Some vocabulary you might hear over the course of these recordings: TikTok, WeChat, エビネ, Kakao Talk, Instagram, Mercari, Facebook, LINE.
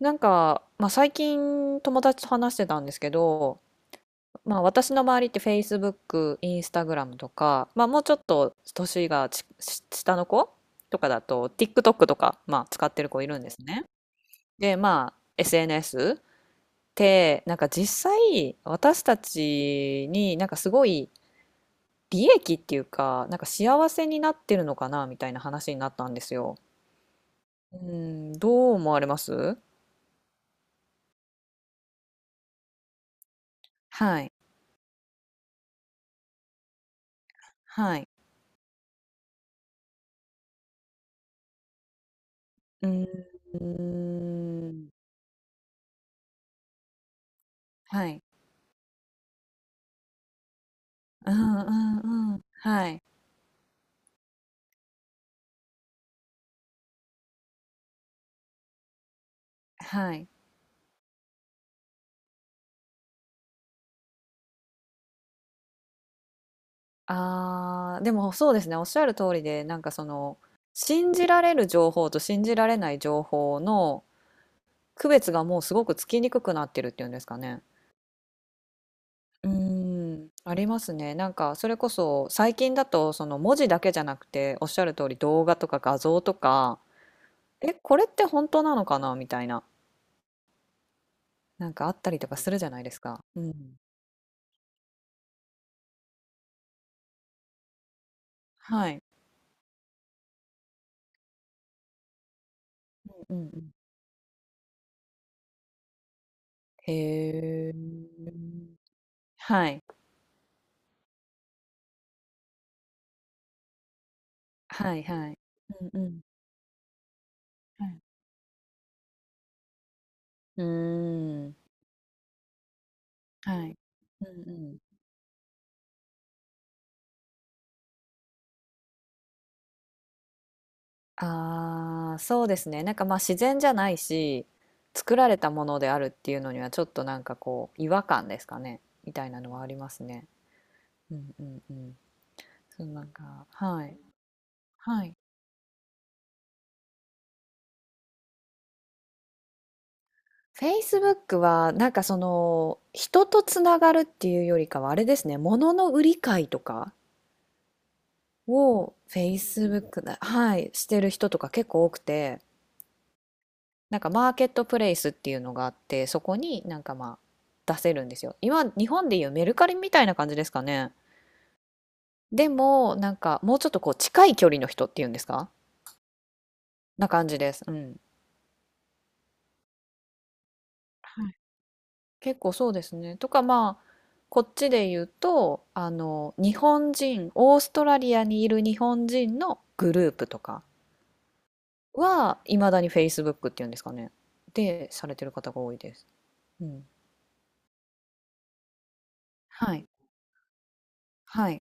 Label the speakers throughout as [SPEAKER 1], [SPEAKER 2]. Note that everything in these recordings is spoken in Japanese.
[SPEAKER 1] 最近友達と話してたんですけど、私の周りって Facebook、Instagram とか、もうちょっと年がちし下の子とかだと TikTok とか、使ってる子いるんですね。で、SNS ってなんか実際私たちになんかすごい利益っていうか、なんか幸せになってるのかなみたいな話になったんですよ。うん、どう思われます？はい。はい。うーん。はい。うんうんうん。はい。はい。ああ、でもそうですね、おっしゃる通りで、なんかその、信じられる情報と信じられない情報の区別がもうすごくつきにくくなってるっていうんですかね。うーん、ありますね。なんかそれこそ最近だとその文字だけじゃなくておっしゃる通り動画とか画像とか、え、これって本当なのかなみたいな、なんかあったりとかするじゃないですか。うん。はい。うんうん。へえ。はい。はいはい。うんうん。はい。うーん。はい。うんうん。ああ、そうですね。なんか、ま、自然じゃないし、作られたものであるっていうのにはちょっとなんかこう違和感ですかね、みたいなのはありますね。うんうんうん。そう、なんかはい。はい。Facebook はなんかその、人とつながるっていうよりかはあれですね、物の売り買いとか？を Facebook だ、はい、してる人とか結構多くて、なんかマーケットプレイスっていうのがあって、そこになんか出せるんですよ。今、日本でいうメルカリみたいな感じですかね。でも、なんかもうちょっとこう近い距離の人っていうんですかな感じです。うん。はい。結構そうですね。とかこっちで言うと、日本人、オーストラリアにいる日本人のグループとかは、いまだに Facebook っていうんですかね。で、されてる方が多いです。うん。はい。はい。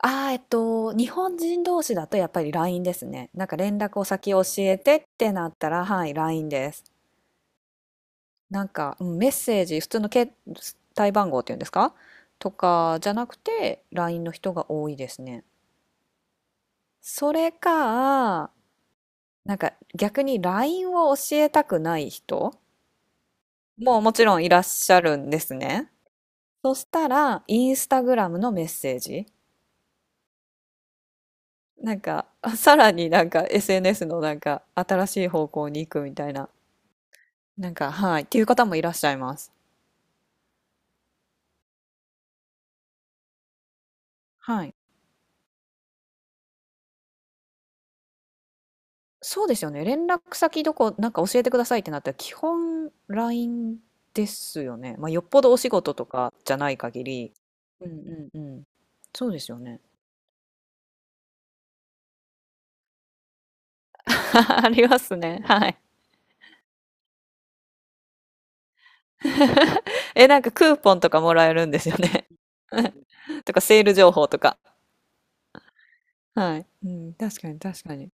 [SPEAKER 1] ああ、日本人同士だとやっぱり LINE ですね。なんか連絡を先教えてってなったら、はい、LINE です。なんか、うん、メッセージ、普通の携帯番号っていうんですかとかじゃなくて、LINE の人が多いですね。それか、なんか逆に LINE を教えたくない人ももちろんいらっしゃるんですね。そしたら、インスタグラムのメッセージ。なんか、あさらになんか SNS のなんか新しい方向に行くみたいな、なんか、はい、っていう方もいらっしゃいます。はい。そうですよね。連絡先どこ、なんか教えてくださいってなったら、基本 LINE ですよね。まあ、よっぽどお仕事とかじゃない限り。うんうんうん。そうですよね。ありますね。はい。え、なんかクーポンとかもらえるんですよね。とか、セール情報とか。はい。うん、確かに確かに。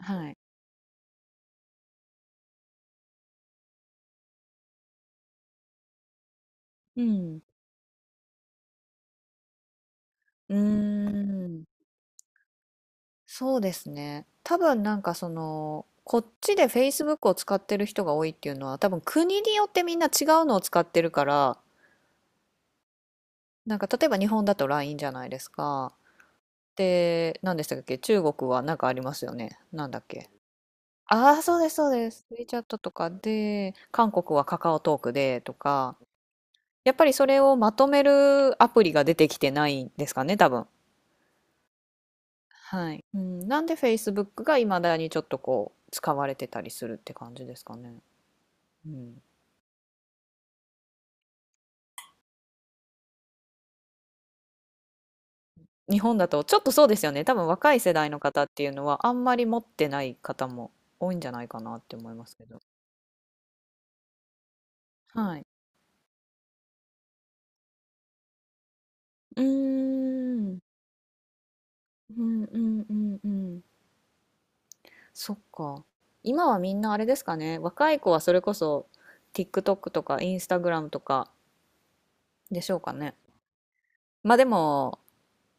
[SPEAKER 1] はい。うん。うーん、そうですね。多分なんかその、こっちで Facebook を使ってる人が多いっていうのは、多分国によってみんな違うのを使ってるから、なんか例えば日本だと LINE じゃないですか。で、何でしたっけ中国はなんかありますよね。なんだっけああー、そうです、そうです。WeChat とかで、韓国はカカオトークでとか、やっぱりそれをまとめるアプリが出てきてないんですかね、多分。はい。うん、なんで Facebook が未だにちょっとこう使われてたりするって感じですかね。うん。日本だとちょっとそうですよね。多分若い世代の方っていうのはあんまり持ってない方も多いんじゃないかなって思いますけど。はい。うーん。うんうんうんうん。そっか。今はみんなあれですかね。若い子はそれこそ TikTok とか Instagram とかでしょうかね。まあでも、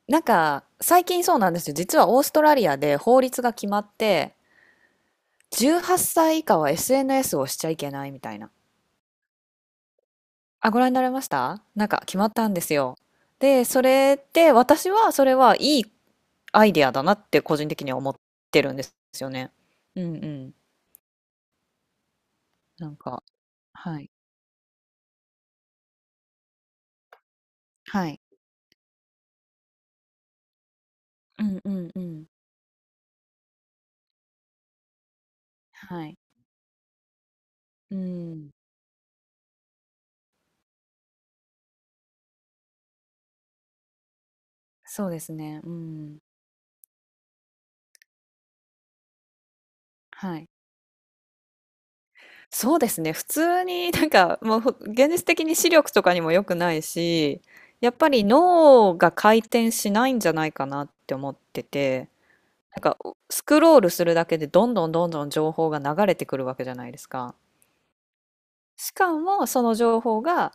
[SPEAKER 1] なんか最近そうなんですよ。実はオーストラリアで法律が決まって、18歳以下は SNS をしちゃいけないみたいな。あ、ご覧になれましたなんか決まったんですよ。で、それで私はそれはいいアイデアだなって個人的には思ってるんですよね。うんうん。なんか、はい。はい。うんうんうん。はい。うん。そうですね。うん。はい。そうですね。普通になんかもうほ現実的に視力とかにも良くないし、やっぱり脳が回転しないんじゃないかなって思ってて。なんかスクロールするだけでどんどんどんどん情報が流れてくるわけじゃないですか。しかもその情報が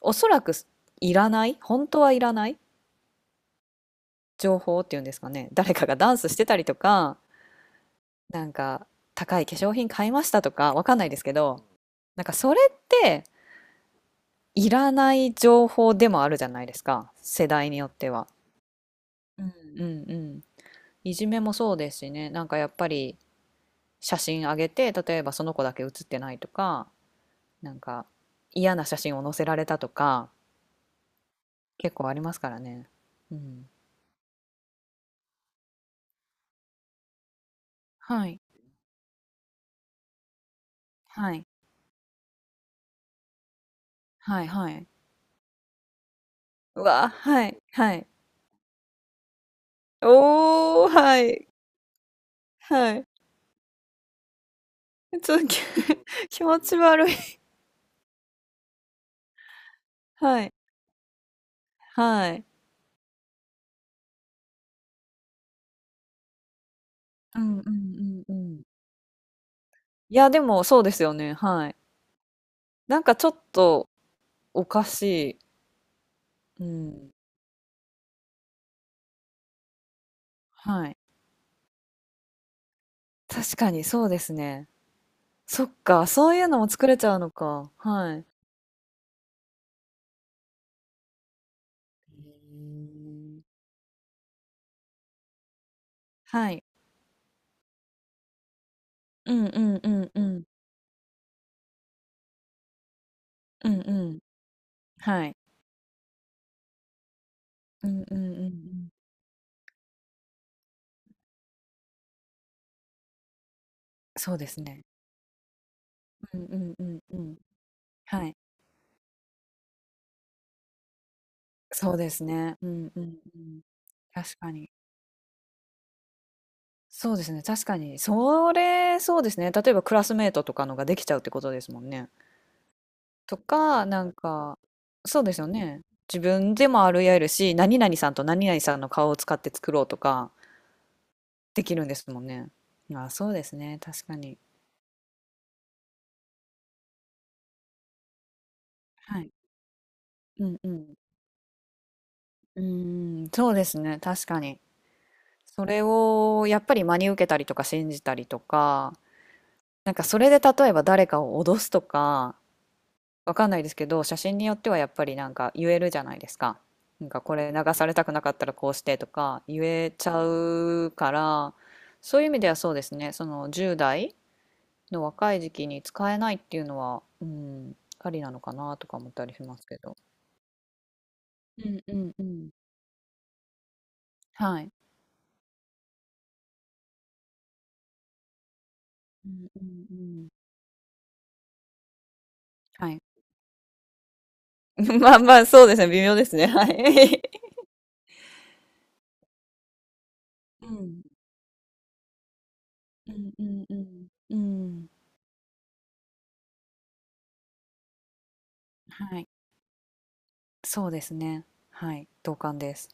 [SPEAKER 1] おそらくいらない本当はいらない情報っていうんですかね誰かがダンスしてたりとかなんか高い化粧品買いましたとかわかんないですけどなんかそれっていらない情報でもあるじゃないですか世代によっては。うんうんうんいじめもそうですしねなんかやっぱり写真上げて例えばその子だけ写ってないとかなんか嫌な写真を載せられたとか結構ありますからね。うん。はい。はい。はいはい。うわ、はい、はい。おお、はい、はい。ちょっと、き 気持ち悪い。はい、はい。うんうんうんうん。いや、でもそうですよね、はい。なんかちょっとおかしい。うん。はい。確かにそうですね。そっか、そういうのも作れちゃうのか。はい。はい。うんうんうんうん。うんうん。はい。うんうんうんうん。そうですね。うんうんうんうん。はい。そうですね。うんうんうん。確かに。そうですね、確かに。それ、そうですね。例えばクラスメートとかのができちゃうってことですもんね。とか、なんか、そうですよね。自分でもあり得るし、何々さんと何々さんの顔を使って作ろうとかできるんですもんね。まあ、そうですね、確かに。はい。うんうん。うーん、そうですね、確かに。それをやっぱり真に受けたりとか信じたりとか、なんかそれで例えば誰かを脅すとか、わかんないですけど、写真によってはやっぱりなんか言えるじゃないですか。なんかこれ流されたくなかったらこうしてとか言えちゃうから、そういう意味ではそうですね、その10代の若い時期に使えないっていうのは、うん、ありなのかなとか思ったりしますけど。うんうんうん。はい。うんうんうん。はい。まあまあ、そうですね、微妙ですね。はい。うんうんうんうん。うん。はい。そうですね。はい。同感です。